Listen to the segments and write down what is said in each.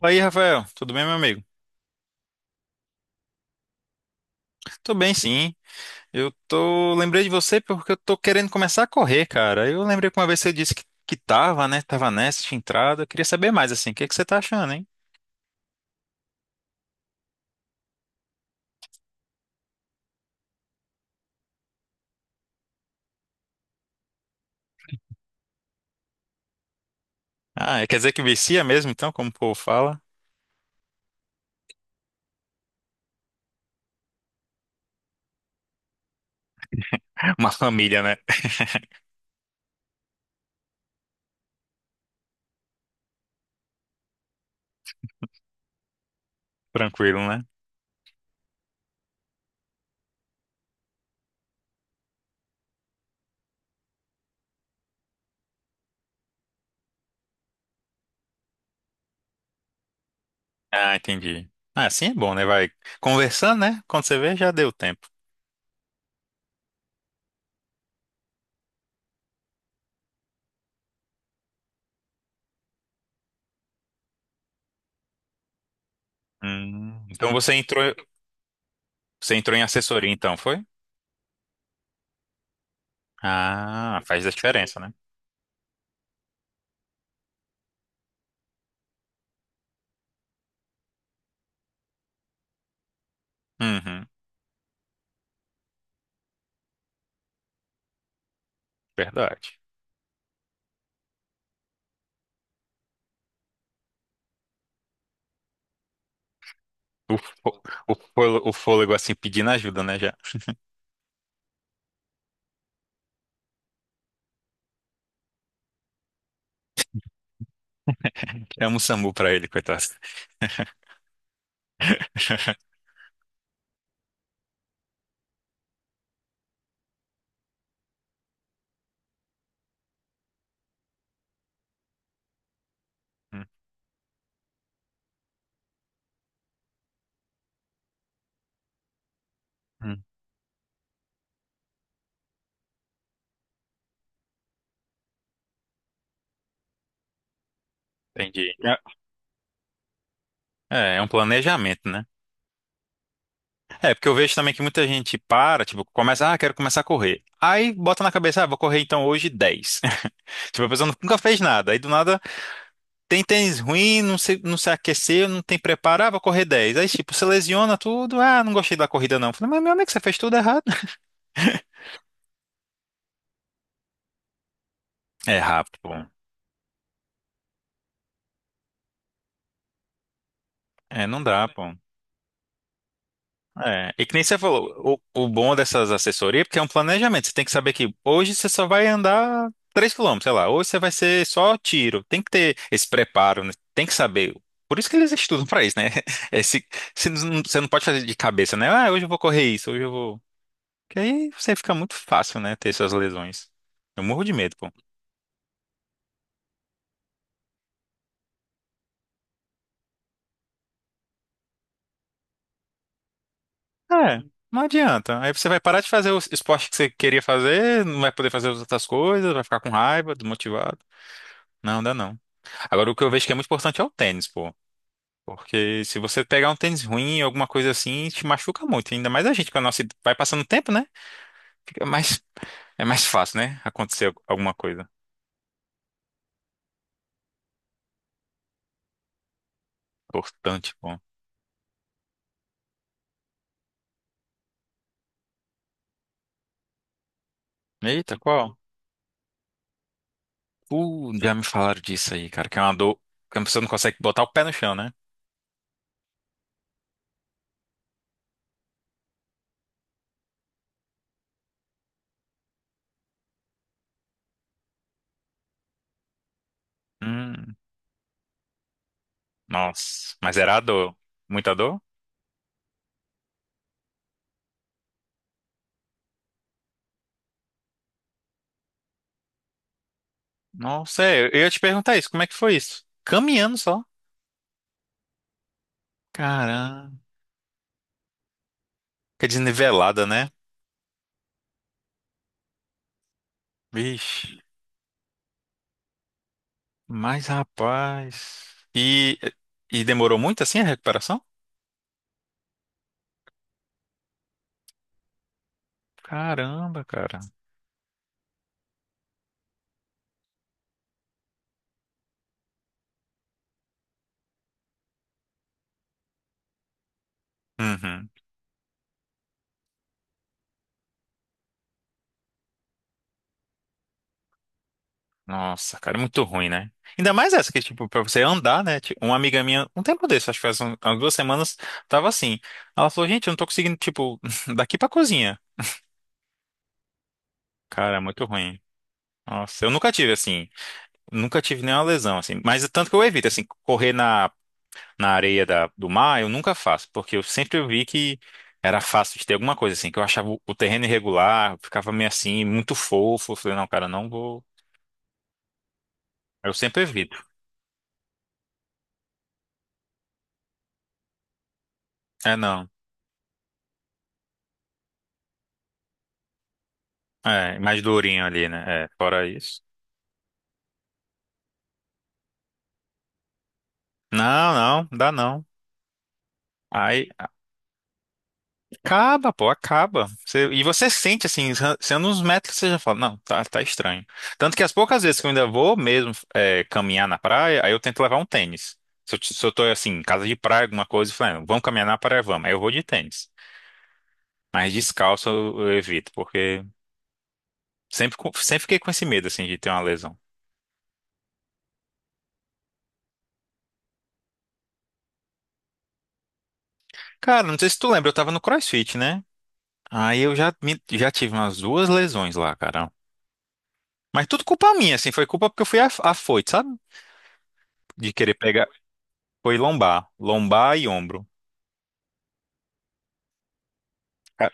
Fala aí, Rafael. Tudo bem, meu amigo? Tudo bem, sim. Lembrei de você porque eu tô querendo começar a correr, cara. Eu lembrei que uma vez você disse que tava, né? Tava nessa, tinha entrado. Eu queria saber mais, assim, o que que você tá achando, hein? Ah, quer dizer que vicia mesmo, então, como o povo fala? Uma família, né? Tranquilo, né? Ah, entendi. Ah, assim é bom, né? Vai conversando, né? Quando você vê, já deu tempo. Hum, então você entrou, Você entrou em assessoria, então, foi? Ah, faz a diferença, né? Uhum, verdade. O, fô- fôlego, assim pedindo ajuda, né? Já chama o SAMU pra ele, coitado. Hum, hum, Entendi. É, é um planejamento, né? É, porque eu vejo também que muita gente para, tipo, começa, ah, quero começar a correr. Aí bota na cabeça, ah, vou correr então hoje dez. Tipo, a pessoa nunca fez nada. Aí do nada tem tênis ruim, não se aqueceu, não tem preparo, ah, vou correr dez. Aí, tipo, você lesiona tudo, ah, não gostei da corrida não. Falei, mas meu amigo, você fez tudo errado. É rápido, pô. É, não dá, pô. É, e que nem você falou, o bom dessas assessorias é porque é um planejamento. Você tem que saber que hoje você só vai andar 3 km sei lá, hoje você vai ser só tiro. Tem que ter esse preparo, né? Tem que saber. Por isso que eles estudam pra isso, né? Esse, você não pode fazer de cabeça, né? Ah, hoje eu vou correr isso, hoje eu vou. Porque aí você fica muito fácil, né? Ter essas lesões. Eu morro de medo, pô. É, não adianta. Aí você vai parar de fazer o esporte que você queria fazer, não vai poder fazer as outras coisas, vai ficar com raiva, desmotivado. Não, dá não. Agora, o que eu vejo que é muito importante é o tênis, pô. Porque se você pegar um tênis ruim, alguma coisa assim, te machuca muito. Ainda mais a gente, com a nossa... Vai passando o tempo, né? Fica mais... É mais fácil, né? Acontecer alguma coisa importante, pô. Eita, qual? Já me falaram disso aí, cara. Que é uma dor... Que a pessoa não consegue botar o pé no chão, né? Hum, nossa. Mas era a dor. Muita dor? Nossa, é, eu ia te perguntar isso. Como é que foi isso? Caminhando só. Caramba. Que desnivelada, né? Vixe. Mas, rapaz. E demorou muito assim a recuperação? Caramba, cara. Uhum. Nossa, cara, é muito ruim, né? Ainda mais essa que, tipo, pra você andar, né? Tipo, uma amiga minha, um tempo desse, acho que faz umas 2 semanas, tava assim. Ela falou, gente, eu não tô conseguindo, tipo, daqui pra cozinha. Cara, é muito ruim. Nossa, eu nunca tive, assim, nunca tive nenhuma lesão, assim. Mas tanto que eu evito, assim, correr na areia do mar, eu nunca faço, porque eu sempre vi que era fácil de ter alguma coisa assim, que eu achava o terreno irregular, ficava meio assim, muito fofo. Eu falei, não, cara, não vou. Eu sempre evito. É, não. É, mais durinho ali, né? É, fora isso. Não, não, dá não. Aí. Acaba, pô, acaba. E você sente, assim, sendo uns metros que você já fala, não, tá, tá estranho. Tanto que as poucas vezes que eu ainda vou mesmo é, caminhar na praia, aí eu tento levar um tênis. Se eu tô, assim, em casa de praia, alguma coisa, e falando, vamos caminhar na praia, vamos. Aí eu vou de tênis. Mas descalço eu evito, porque sempre fiquei com esse medo, assim, de ter uma lesão. Cara, não sei se tu lembra, eu tava no CrossFit, né? Aí eu já, me- Já tive umas duas lesões lá, cara. Mas tudo culpa minha, assim, foi culpa porque afoito, sabe? De querer pegar. Foi lombar, lombar e ombro. Ca-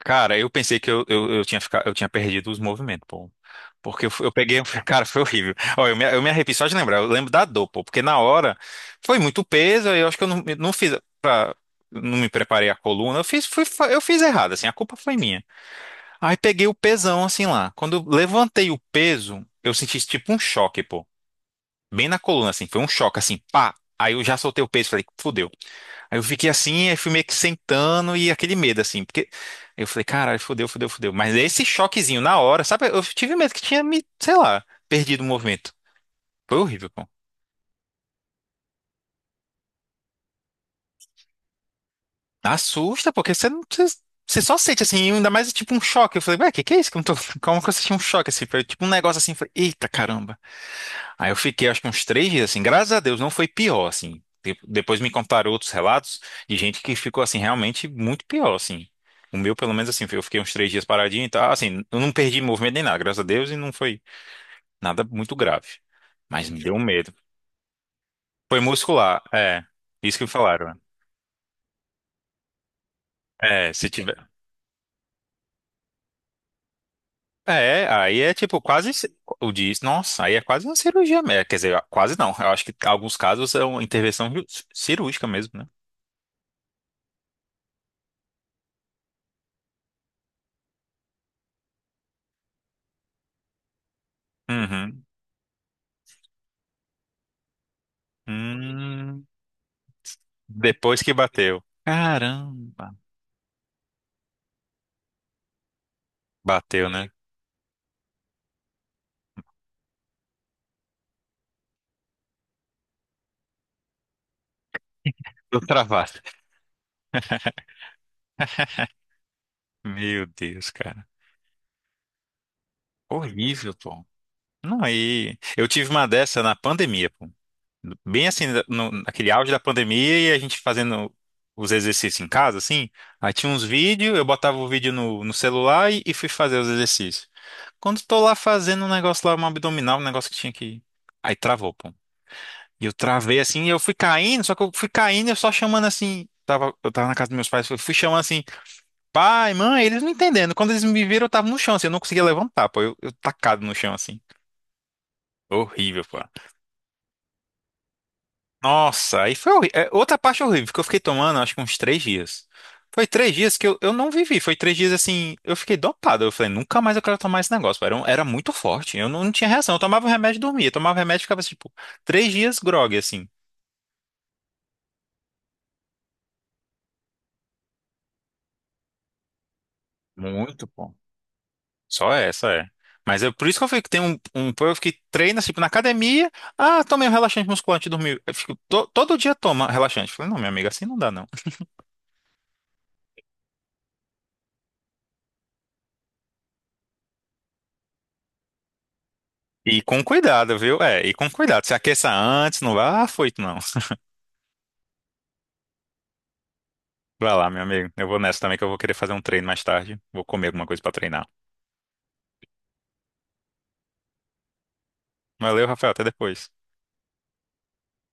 Cara, eu pensei que eu tinha ficado, eu tinha perdido os movimentos, pô. Porque eu peguei, cara, foi horrível. Ó, eu me arrepio só de lembrar, eu lembro da dor, pô, porque na hora foi muito peso, aí eu acho que eu não, não fiz pra, não me preparei a coluna, eu fiz errado, assim, a culpa foi minha. Aí peguei o pesão, assim, lá. Quando eu levantei o peso, eu senti tipo um choque, pô, bem na coluna, assim, foi um choque, assim, pá. Aí eu já soltei o peso, e falei, fudeu. Aí eu fiquei assim, aí fui meio que sentando e aquele medo, assim, porque eu falei, caralho, fodeu, fodeu, fodeu. Mas esse choquezinho na hora, sabe? Eu tive medo que tinha me, sei lá, perdido o movimento. Foi horrível, pô. Assusta, porque você não. Você só sente assim, ainda mais tipo um choque. Eu falei, ué, que é isso? Que eu não tô. Como que eu senti um choque assim? Foi tipo um negócio assim, eu falei, eita caramba. Aí eu fiquei, acho que uns 3 dias, assim, graças a Deus, não foi pior, assim. Depois me contaram outros relatos de gente que ficou, assim, realmente muito pior, assim. O meu, pelo menos, assim, eu fiquei uns 3 dias paradinho e tal, assim, eu não perdi movimento nem nada, graças a Deus, e não foi nada muito grave. Mas me deu um medo. Foi muscular, é. Isso que me falaram. É, se tiver. É, aí é tipo quase ci- o diz, nossa, aí é quase uma cirurgia, mesmo. Quer dizer, quase não. Eu acho que alguns casos é uma cirúrgica mesmo, né? Uhum. Hum. Depois que bateu. Caramba! Bateu, né? Tô travado. Meu Deus, cara. Horrível, pô. Não, aí. Eu tive uma dessa na pandemia, pô. Bem assim, no, naquele auge da pandemia e a gente fazendo os exercícios em casa, assim. Aí tinha uns vídeos, eu botava o vídeo no celular e fui fazer os exercícios. Quando tô lá fazendo um negócio lá, um abdominal, um negócio que tinha que. Aí travou, pô. E eu travei assim, e eu fui caindo, só que eu fui caindo, eu só chamando assim. Tava, eu tava na casa dos meus pais, eu fui chamando assim, pai, mãe, eles não entendendo. Quando eles me viram, eu tava no chão, assim, eu não conseguia levantar, pô. Eu tacado no chão, assim. Horrível, pô. Nossa, aí foi é, outra parte horrível, que eu fiquei tomando, acho que uns 3 dias. Foi 3 dias que eu não vivi, foi três dias assim, eu fiquei dopado. Eu falei, nunca mais eu quero tomar esse negócio, pô. Era, era muito forte, eu não, não tinha reação. Eu tomava o remédio e dormia, eu tomava o remédio e ficava assim, tipo, 3 dias grogue, assim. Muito, pô. Só essa é. Mas é por isso que eu falei que tem um povo que treina, tipo, na academia. Ah, tomei um relaxante musculante e dormi. Todo dia toma relaxante. Eu falei, não, minha amiga, assim não dá, não. E com cuidado, viu? É, e com cuidado. Se aqueça antes, não vá, ah, foi, não. Vai lá, meu amigo. Eu vou nessa também, que eu vou querer fazer um treino mais tarde. Vou comer alguma coisa pra treinar. Valeu, Rafael, até depois.